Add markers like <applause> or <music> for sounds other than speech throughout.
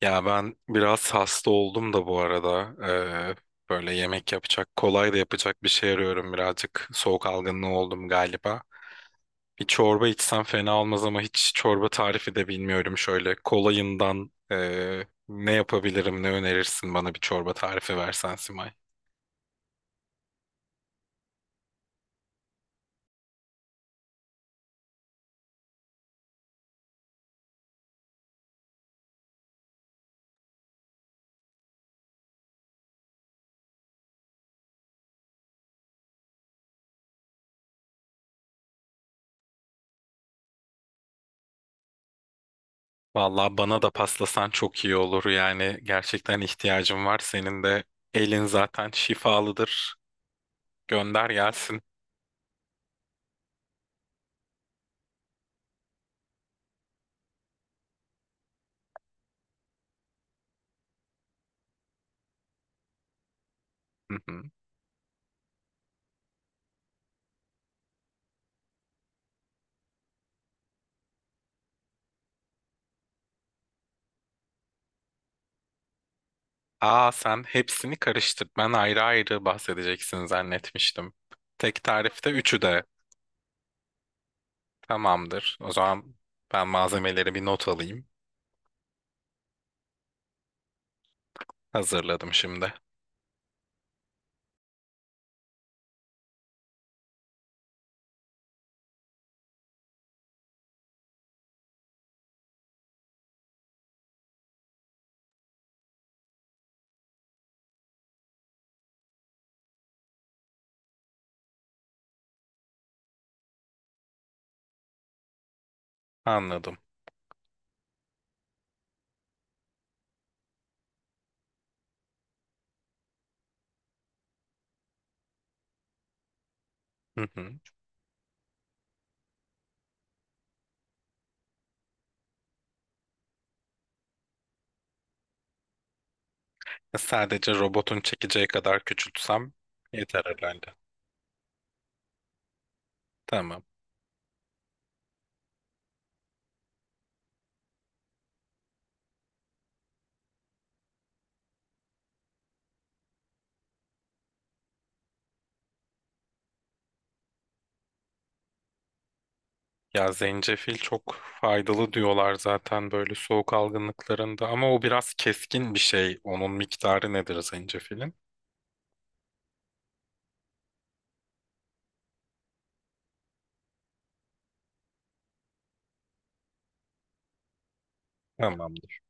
Ya ben biraz hasta oldum da bu arada. Ee, Böyle yemek yapacak, kolay da yapacak bir şey arıyorum birazcık. Soğuk algınlığı oldum galiba. Bir çorba içsem fena olmaz ama hiç çorba tarifi de bilmiyorum. Şöyle kolayından ne yapabilirim, ne önerirsin bana bir çorba tarifi versen Simay. Vallahi bana da paslasan çok iyi olur. Yani gerçekten ihtiyacım var. Senin de elin zaten şifalıdır. Gönder gelsin. <laughs> Aa sen hepsini karıştır. Ben ayrı ayrı bahsedeceksin zannetmiştim. Tek tarifte üçü de tamamdır. O zaman ben malzemeleri bir not alayım. Hazırladım şimdi. Anladım. Hı hı. Sadece robotun çekeceği kadar küçültsem yeter herhalde. Tamam. Ya zencefil çok faydalı diyorlar zaten böyle soğuk algınlıklarında ama o biraz keskin bir şey. Onun miktarı nedir zencefilin? Tamamdır.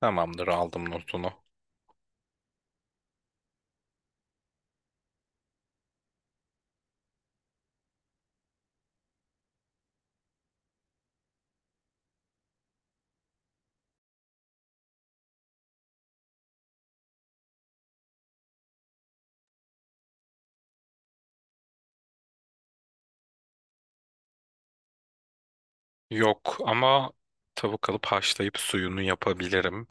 Tamamdır aldım notunu. Yok ama tavuk alıp haşlayıp suyunu yapabilirim.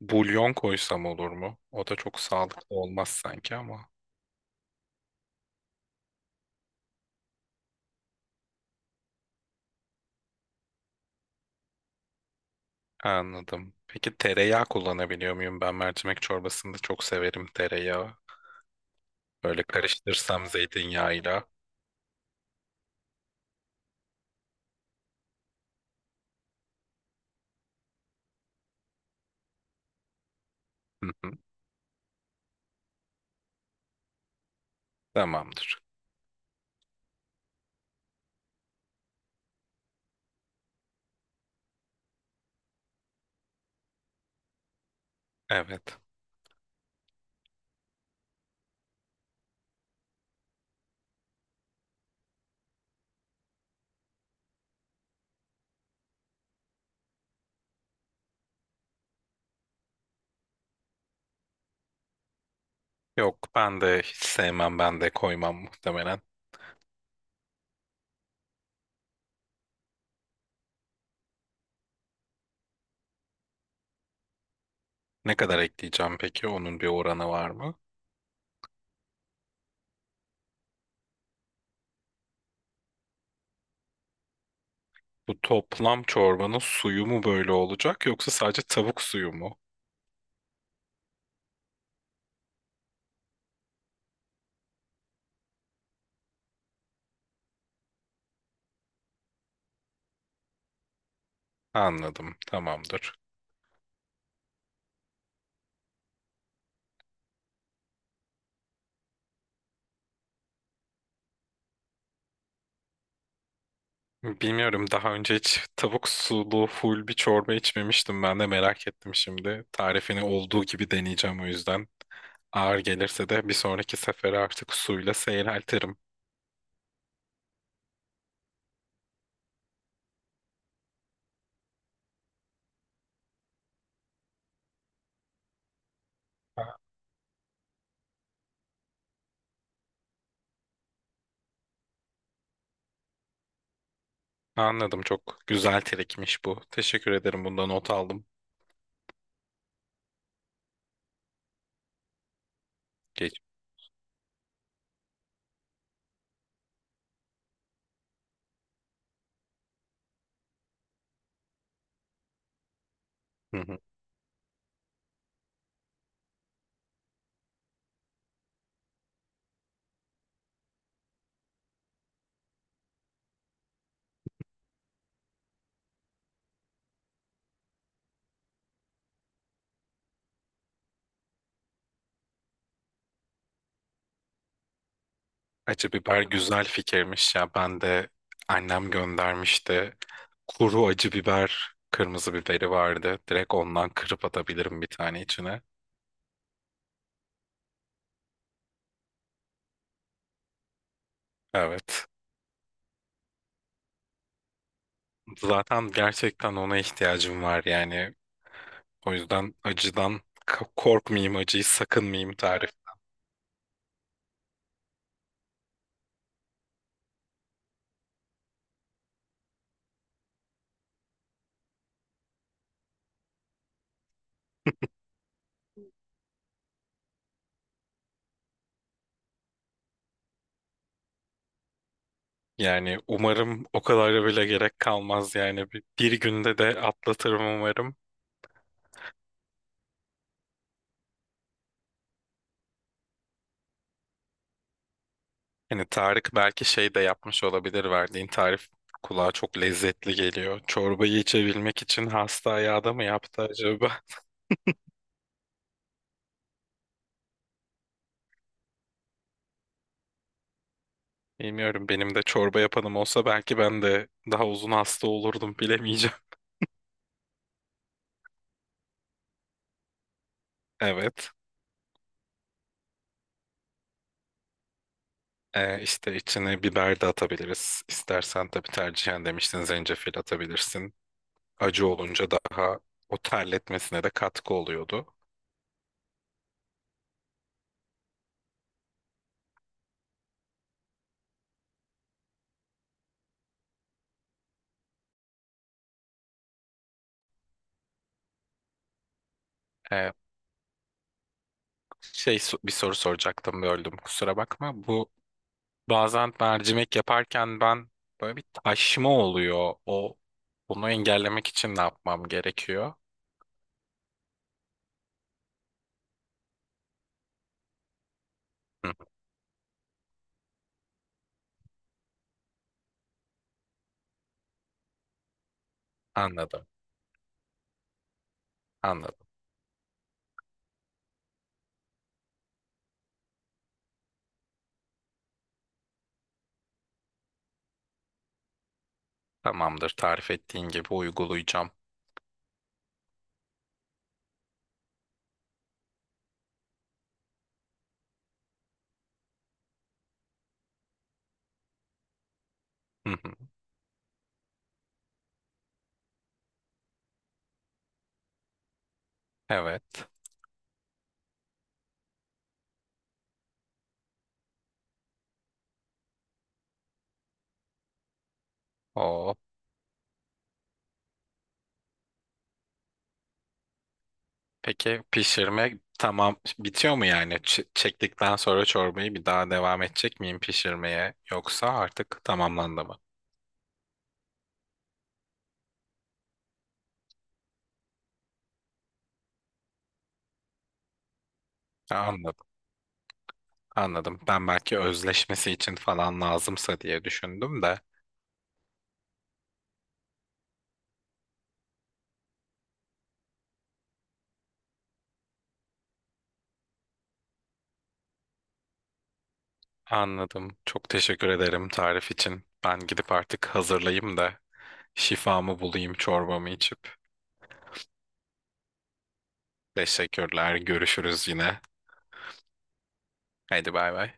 Bulyon koysam olur mu? O da çok sağlıklı olmaz sanki ama. Anladım. Peki tereyağı kullanabiliyor muyum? Ben mercimek çorbasında çok severim tereyağı. Böyle karıştırsam zeytinyağıyla. Hı hı. Tamamdır. Evet. Yok ben de hiç sevmem ben de koymam muhtemelen. Ne kadar ekleyeceğim peki? Onun bir oranı var mı? Bu toplam çorbanın suyu mu böyle olacak yoksa sadece tavuk suyu mu? Anladım. Tamamdır. Bilmiyorum daha önce hiç tavuk sulu full bir çorba içmemiştim. Ben de merak ettim şimdi. Tarifini olduğu gibi deneyeceğim o yüzden. Ağır gelirse de bir sonraki sefere artık suyla seyreltirim. Ha, anladım. Çok güzel trikmiş bu. Teşekkür ederim. Bundan not aldım. Geç. Hı hı. Acı biber güzel fikirmiş ya. Ben de annem göndermişti. Kuru acı biber, kırmızı biberi vardı. Direkt ondan kırıp atabilirim bir tane içine. Evet. Zaten gerçekten ona ihtiyacım var yani. O yüzden acıdan korkmayayım, acıyı sakınmayayım tarif. Yani umarım o kadar bile gerek kalmaz yani. Bir günde de atlatırım umarım. Hani Tarık belki şey de yapmış olabilir verdiğin tarif kulağa çok lezzetli geliyor. Çorbayı içebilmek için hasta ayağı da mı yaptı acaba? Bilmiyorum benim de çorba yapanım olsa belki ben de daha uzun hasta olurdum bilemeyeceğim. <laughs> Evet. İşte içine biber de atabiliriz. İstersen tabii tercihen demiştin zencefil atabilirsin. Acı olunca daha o terletmesine de katkı oluyordu. Ee, Bir soru soracaktım böldüm kusura bakma. Bazen mercimek yaparken ben böyle bir taşma oluyor. O bunu engellemek için ne yapmam gerekiyor? Hı, hı, anladım. Anladım. Tamamdır. Tarif ettiğin gibi uygulayacağım. Hı hı. Evet. O peki pişirme tamam bitiyor mu yani? Çektikten sonra çorbayı bir daha devam edecek miyim pişirmeye yoksa artık tamamlandı mı? Ha, anladım. Anladım. Ben belki özleşmesi için falan lazımsa diye düşündüm de. Anladım. Çok teşekkür ederim tarif için. Ben gidip artık hazırlayayım da şifamı bulayım çorbamı içip. Teşekkürler. Görüşürüz yine. Haydi bay bay.